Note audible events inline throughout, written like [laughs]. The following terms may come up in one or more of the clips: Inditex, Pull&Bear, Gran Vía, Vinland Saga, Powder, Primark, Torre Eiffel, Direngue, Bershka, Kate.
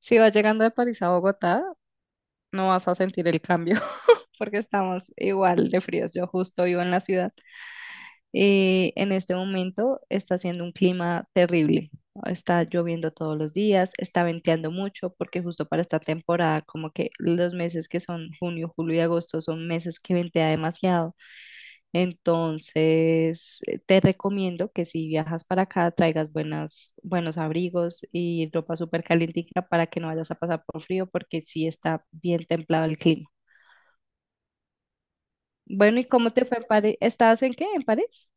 Si vas llegando de París a Bogotá, no vas a sentir el cambio [laughs] porque estamos igual de fríos. Yo justo vivo en la ciudad y en este momento está haciendo un clima terrible. Está lloviendo todos los días, está venteando mucho porque justo para esta temporada, como que los meses que son junio, julio y agosto son meses que ventea demasiado. Entonces, te recomiendo que si viajas para acá, traigas buenos abrigos y ropa súper calientica para que no vayas a pasar por frío, porque sí está bien templado el clima. Bueno, ¿y cómo te fue en París? ¿Estabas en qué? ¿En París?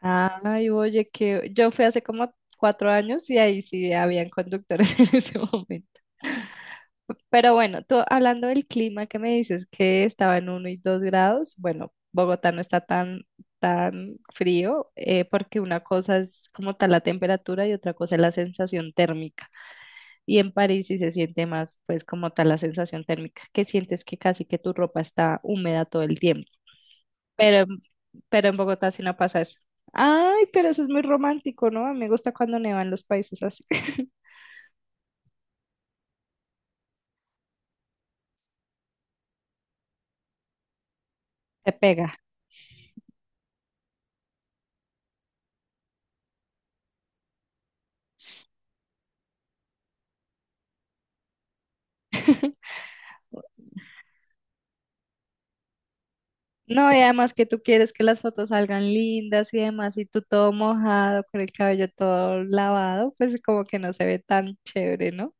Ay, oye, que yo fui hace como 4 años y ahí sí habían conductores [laughs] en ese momento. Pero bueno, tú hablando del clima que me dices que estaba en 1 y 2 grados, bueno, Bogotá no está tan frío porque una cosa es como tal la temperatura y otra cosa es la sensación térmica. Y en París sí se siente más pues como tal la sensación térmica, que sientes que casi que tu ropa está húmeda todo el tiempo. Pero, en- pero en Bogotá sí no pasa eso. Ay, pero eso es muy romántico, ¿no? A mí me gusta cuando nevan los países así. [laughs] Te pega. No, y además que tú quieres que las fotos salgan lindas y demás, y tú todo mojado, con el cabello todo lavado, pues como que no se ve tan chévere, ¿no?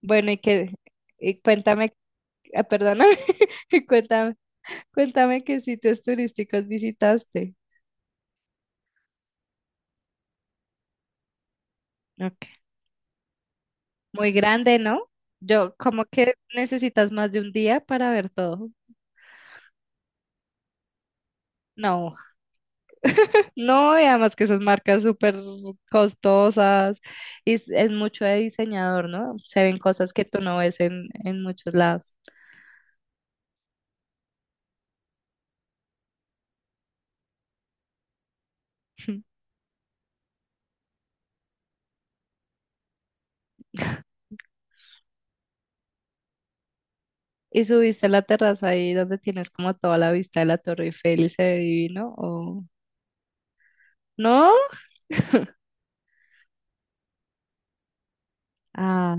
Bueno, y que, y cuéntame, ah, perdóname, [laughs] y cuéntame, cuéntame qué sitios turísticos visitaste. Ok. Muy grande, ¿no? Yo, como que necesitas más de un día para ver todo. No. No, y además que esas marcas súper costosas y es mucho de diseñador, ¿no? Se ven cosas que tú no ves en muchos lados. [laughs] ¿Y subiste a la terraza ahí donde tienes como toda la vista de la Torre Eiffel y se ve divino? ¿O no? Ah,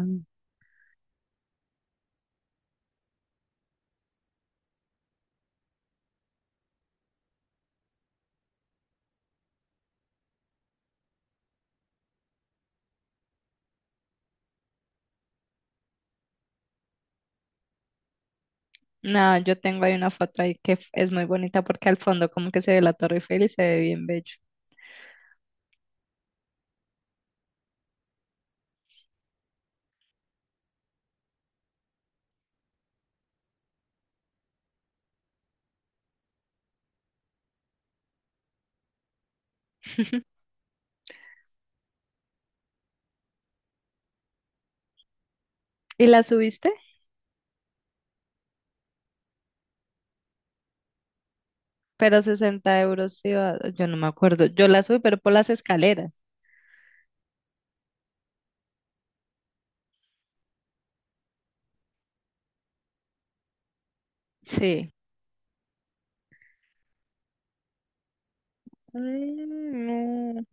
no, yo tengo ahí una foto ahí que es muy bonita porque al fondo como que se ve la Torre Eiffel y se ve bien bello. [laughs] ¿Y la subiste? Pero 60 euros, iba, yo no me acuerdo. Yo la subí, pero por las escaleras. Sí, mm, no.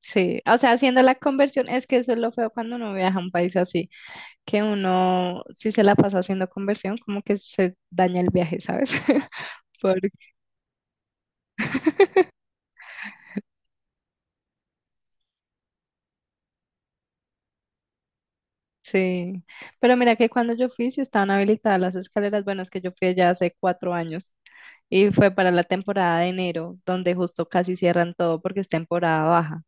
Sí, o sea, haciendo la conversión, es que eso es lo feo cuando uno viaja a un país así, que uno, si se la pasa haciendo conversión, como que se daña el viaje, ¿sabes? [laughs] Porque, sí, pero mira que cuando yo fui, sí estaban habilitadas las escaleras, bueno, es que yo fui allá hace 4 años y fue para la temporada de enero, donde justo casi cierran todo porque es temporada baja.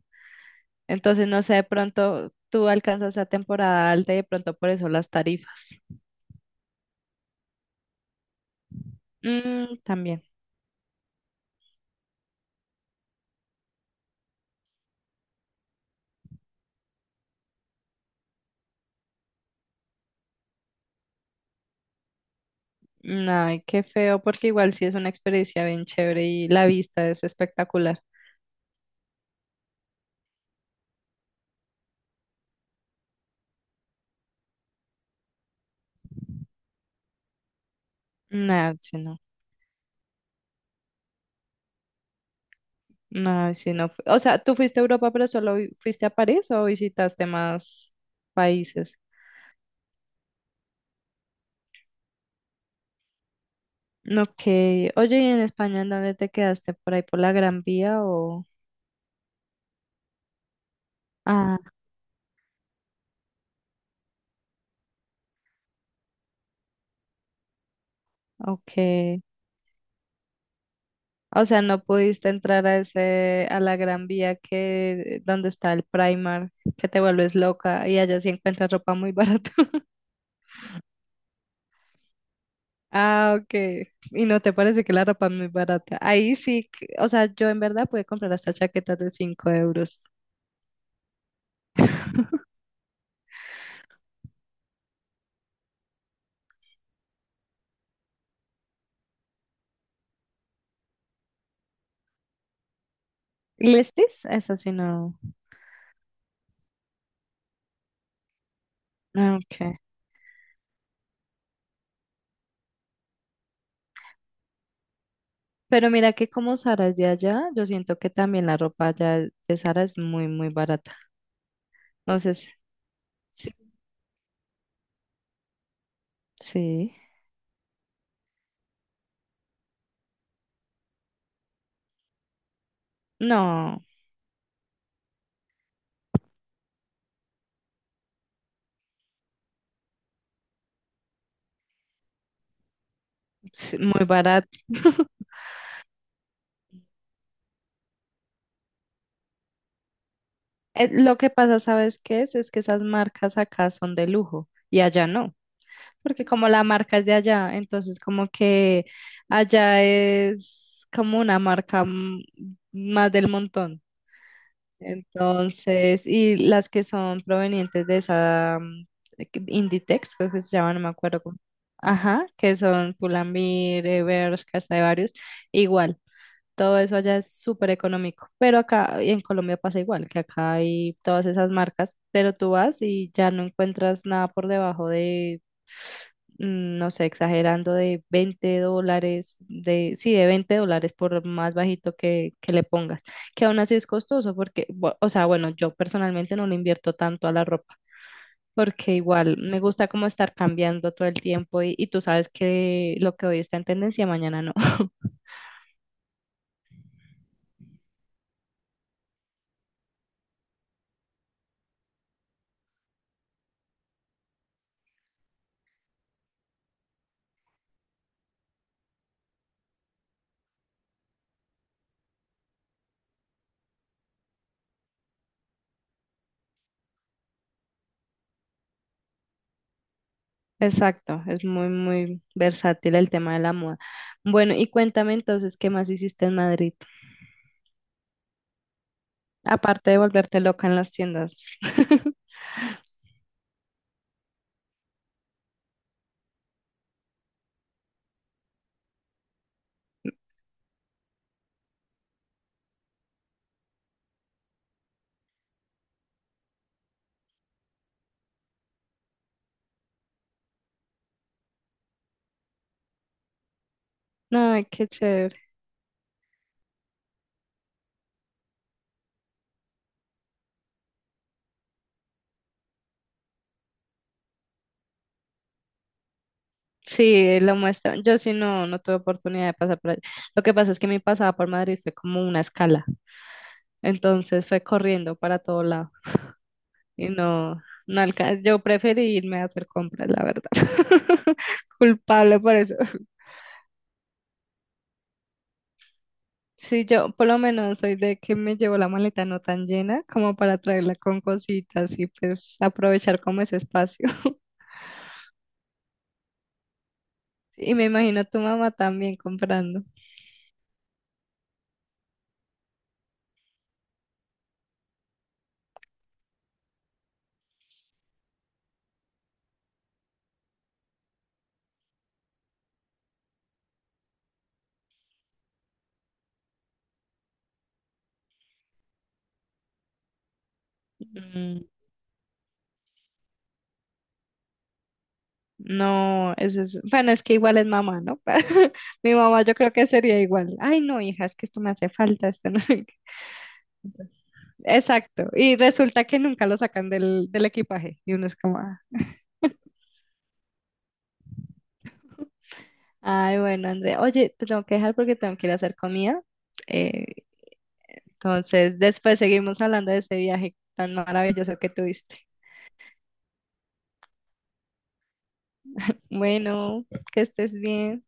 Entonces, no sé, de pronto tú alcanzas a temporada alta y de pronto por eso las tarifas. Mm, también. Ay, qué feo, porque igual sí es una experiencia bien chévere y la vista es espectacular. No, sí no. O sea, ¿tú fuiste a Europa, pero fuiste a París o visitaste más países? Ok. Oye, ¿y en España en dónde te quedaste? ¿Por ahí por la Gran Vía o...? Ah, ok. O sea, no pudiste entrar a a la Gran Vía que, donde está el Primark, que te vuelves loca y allá sí encuentras ropa muy [laughs] barata. Ah, ok. Y no te parece que la ropa es muy barata. Ahí sí, o sea, yo en verdad pude comprar hasta chaquetas de 5 euros. [laughs] ¿Listis? Eso sí, no. Ah, ok. Pero mira que como Sara es de allá, yo siento que también la ropa allá de Sara es muy, muy barata. Entonces, sí. Sí. No, sí, muy barata. [laughs] Lo que pasa, ¿sabes qué es? Es que esas marcas acá son de lujo y allá no. Porque como la marca es de allá, entonces como que allá es como una marca mm, más del montón. Entonces, y las que son provenientes de esa mm, Inditex, creo que se llama, no me acuerdo cómo. Ajá, que son Pull&Bear, Bershka, hasta de varios, igual. Todo eso allá es súper económico, pero acá en Colombia pasa igual, que acá hay todas esas marcas, pero tú vas y ya no encuentras nada por debajo de mm, no sé, exagerando de 20 dólares, sí, de 20 dólares por más bajito que le pongas, que aún así es costoso porque, bueno, yo personalmente no le invierto tanto a la ropa. Porque igual me gusta como estar cambiando todo el tiempo y tú sabes que lo que hoy está en tendencia, mañana no. [laughs] Exacto, es muy, muy versátil el tema de la moda. Bueno, y cuéntame entonces, ¿qué más hiciste en Madrid? Aparte de volverte loca en las tiendas. [laughs] No, qué chévere. Sí, lo muestran. Yo sí no tuve oportunidad de pasar por allá. Lo que pasa es que mi pasada por Madrid fue como una escala, entonces fue corriendo para todo lado y no alcancé. Yo preferí irme a hacer compras, la verdad. [laughs] Culpable por eso. Sí, yo por lo menos soy de que me llevo la maleta no tan llena como para traerla con cositas y pues aprovechar como ese espacio. [laughs] Y me imagino tu mamá también comprando. No, eso es, bueno, es que igual es mamá, ¿no? [laughs] Mi mamá yo creo que sería igual. Ay, no, hija, es que esto me hace falta, esto no. [laughs] Exacto. Y resulta que nunca lo sacan del equipaje. Y uno es como, ah, ay, bueno, André, oye, te tengo que dejar porque tengo que ir a hacer comida. Eh, entonces, después seguimos hablando de ese viaje tan maravilloso que tuviste. Bueno, que estés bien.